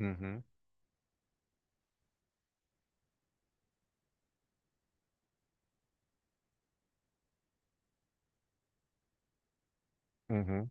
Uhum, uhum,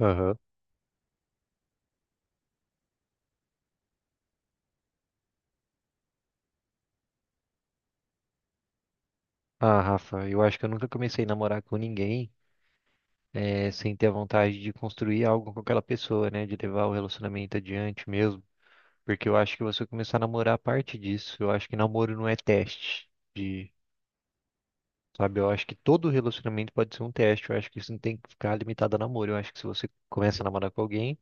aham. Ah, Rafa, eu acho que eu nunca comecei a namorar com ninguém sem ter a vontade de construir algo com aquela pessoa, né? De levar o relacionamento adiante mesmo. Porque eu acho que você começar a namorar parte disso. Eu acho que namoro não é teste de, sabe? Eu acho que todo relacionamento pode ser um teste. Eu acho que isso não tem que ficar limitado a namoro. Eu acho que se você começa a namorar com alguém,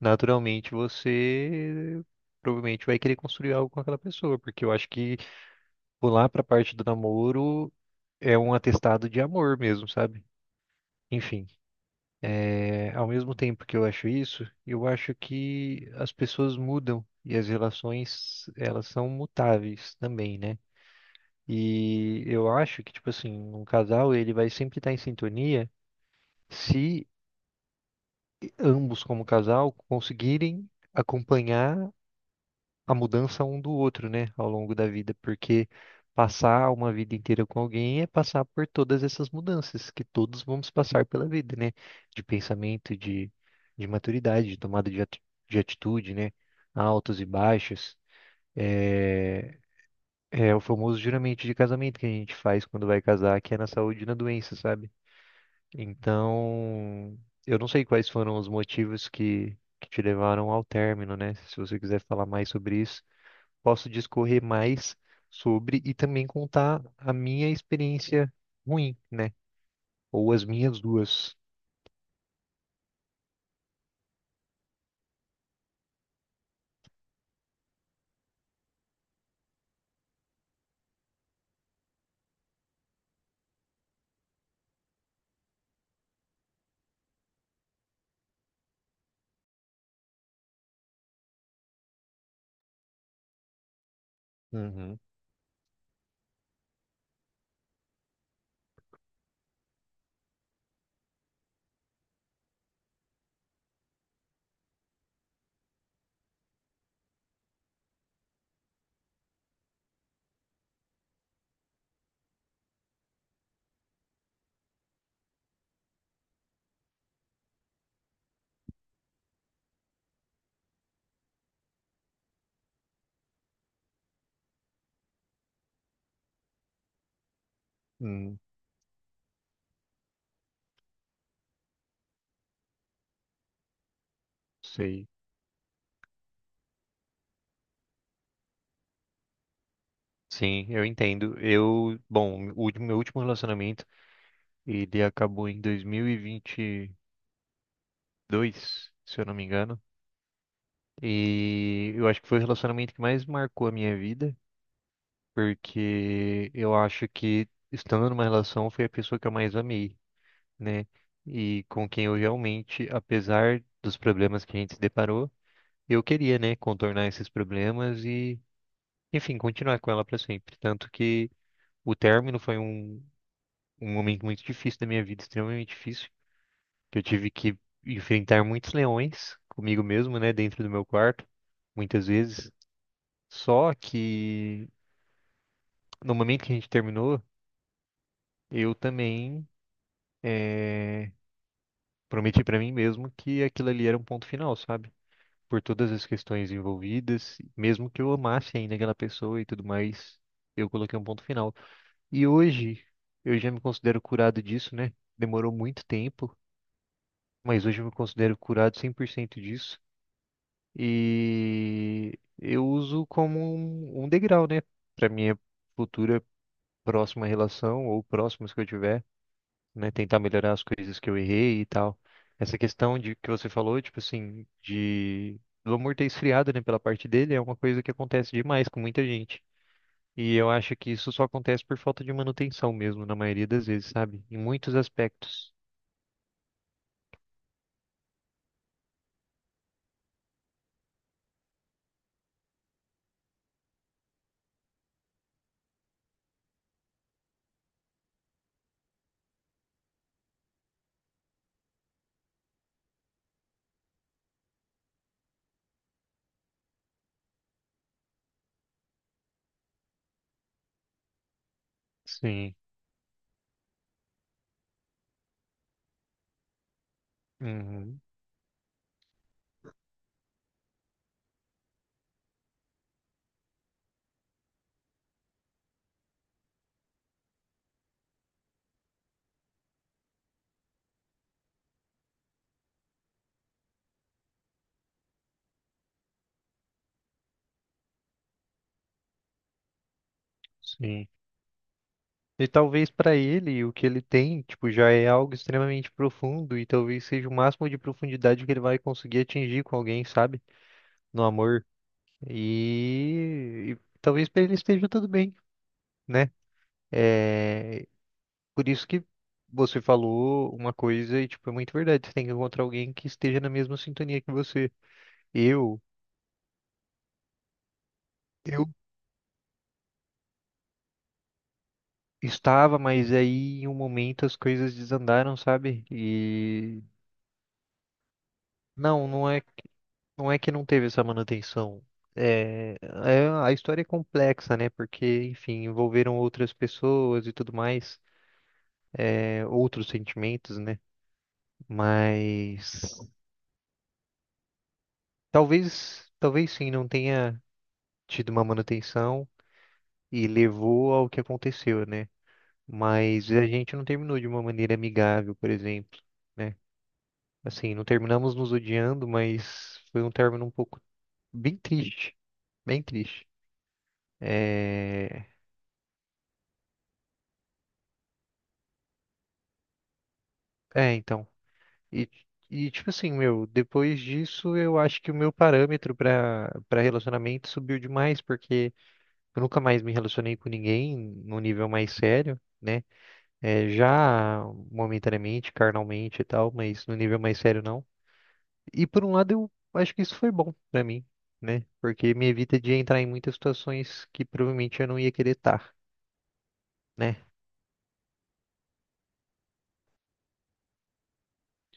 naturalmente você provavelmente vai querer construir algo com aquela pessoa. Porque eu acho que pular pra parte do namoro é um atestado de amor mesmo, sabe? Enfim, é, ao mesmo tempo que eu acho isso, eu acho que as pessoas mudam e as relações, elas são mutáveis também, né? E eu acho que, tipo assim, um casal, ele vai sempre estar em sintonia se ambos, como casal, conseguirem acompanhar a mudança um do outro, né, ao longo da vida, porque passar uma vida inteira com alguém é passar por todas essas mudanças que todos vamos passar pela vida, né, de pensamento, de maturidade, de tomada de, de atitude, né, altos e baixos. É, é o famoso juramento de casamento que a gente faz quando vai casar, que é na saúde e na doença, sabe? Então, eu não sei quais foram os motivos que te levaram ao término, né? Se você quiser falar mais sobre isso posso discorrer mais sobre e também contar a minha experiência ruim, né? Ou as minhas duas. Uhum. Hum, sei. Sim, eu entendo. Eu, bom, meu último relacionamento, ele acabou em 2022, se eu não me engano. E eu acho que foi o relacionamento que mais marcou a minha vida, porque eu acho que estando numa relação foi a pessoa que eu mais amei. Né? E com quem eu realmente, apesar dos problemas que a gente se deparou, eu queria, né, contornar esses problemas e, enfim, continuar com ela para sempre. Tanto que o término foi um momento muito difícil da minha vida, extremamente difícil, que eu tive que enfrentar muitos leões comigo mesmo, né, dentro do meu quarto, muitas vezes. Só que no momento que a gente terminou, eu também eh, prometi para mim mesmo que aquilo ali era um ponto final, sabe? Por todas as questões envolvidas, mesmo que eu amasse ainda aquela pessoa e tudo mais, eu coloquei um ponto final. E hoje eu já me considero curado disso, né? Demorou muito tempo, mas hoje eu me considero curado 100% disso e eu uso como um degrau, né, para minha futura próxima relação ou próximas que eu tiver né, tentar melhorar as coisas que eu errei e tal. Essa questão de que você falou, tipo assim, de do amor ter esfriado, né, pela parte dele, é uma coisa que acontece demais com muita gente. E eu acho que isso só acontece por falta de manutenção mesmo, na maioria das vezes, sabe? Em muitos aspectos. Sim. Uhum. Sim. E talvez para ele o que ele tem, tipo, já é algo extremamente profundo e talvez seja o máximo de profundidade que ele vai conseguir atingir com alguém, sabe? No amor. E talvez para ele esteja tudo bem, né? É, por isso que você falou uma coisa e, tipo, é muito verdade. Você tem que encontrar alguém que esteja na mesma sintonia que você. Eu, eu estava, mas aí em um momento as coisas desandaram, sabe? E não é, não é que não teve essa manutenção. É, a história é complexa, né? Porque, enfim, envolveram outras pessoas e tudo mais, é, outros sentimentos, né? Mas talvez sim, não tenha tido uma manutenção e levou ao que aconteceu, né? Mas a gente não terminou de uma maneira amigável, por exemplo, né? Assim, não terminamos nos odiando, mas foi um término um pouco bem triste, bem triste. É, é, então. E, e tipo assim, meu, depois disso eu acho que o meu parâmetro para relacionamento subiu demais, porque eu nunca mais me relacionei com ninguém num nível mais sério né? É, já momentaneamente, carnalmente e tal, mas no nível mais sério não. E por um lado, eu acho que isso foi bom pra mim, né? Porque me evita de entrar em muitas situações que provavelmente eu não ia querer estar, né?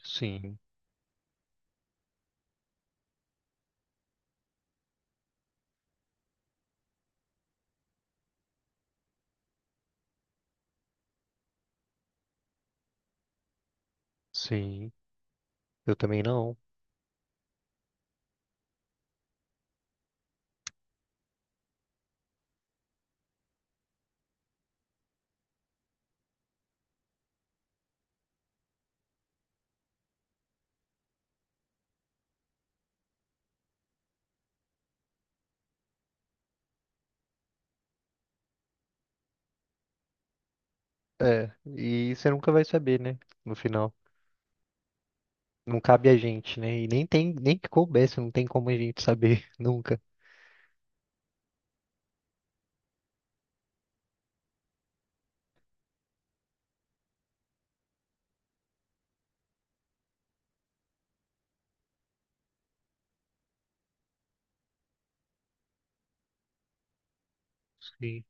Sim, sim. Eu também não. É, e você nunca vai saber, né? No final. Não cabe a gente, né? E nem tem, nem que coubesse, não tem como a gente saber nunca. Sim,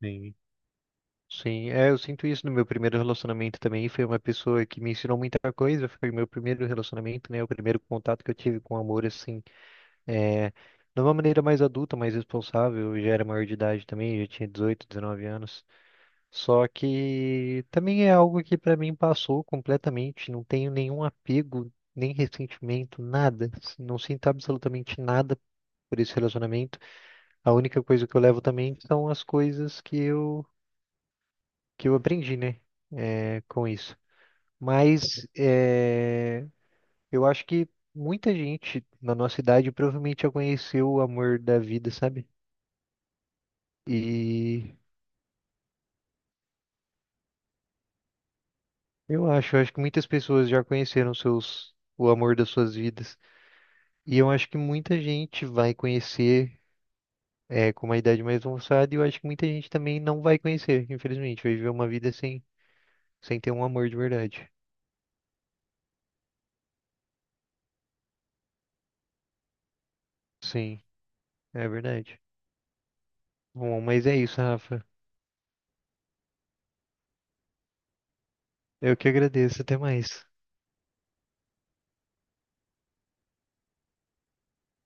sim. Sim, é, eu sinto isso no meu primeiro relacionamento também. Foi uma pessoa que me ensinou muita coisa. Foi meu primeiro relacionamento, né? O primeiro contato que eu tive com amor, assim, é, de uma maneira mais adulta, mais responsável. Eu já era maior de idade também, já tinha 18, 19 anos. Só que também é algo que pra mim passou completamente. Não tenho nenhum apego, nem ressentimento, nada. Não sinto absolutamente nada por esse relacionamento. A única coisa que eu levo também são as coisas que eu aprendi, né, é, com isso. Mas é, eu acho que muita gente na nossa idade provavelmente já conheceu o amor da vida, sabe? E eu acho que muitas pessoas já conheceram seus, o amor das suas vidas. E eu acho que muita gente vai conhecer é, com uma idade mais avançada, e eu acho que muita gente também não vai conhecer, infelizmente, vai viver uma vida sem, sem ter um amor de verdade. Sim, é verdade. Bom, mas é isso, Rafa. Eu que agradeço, até mais.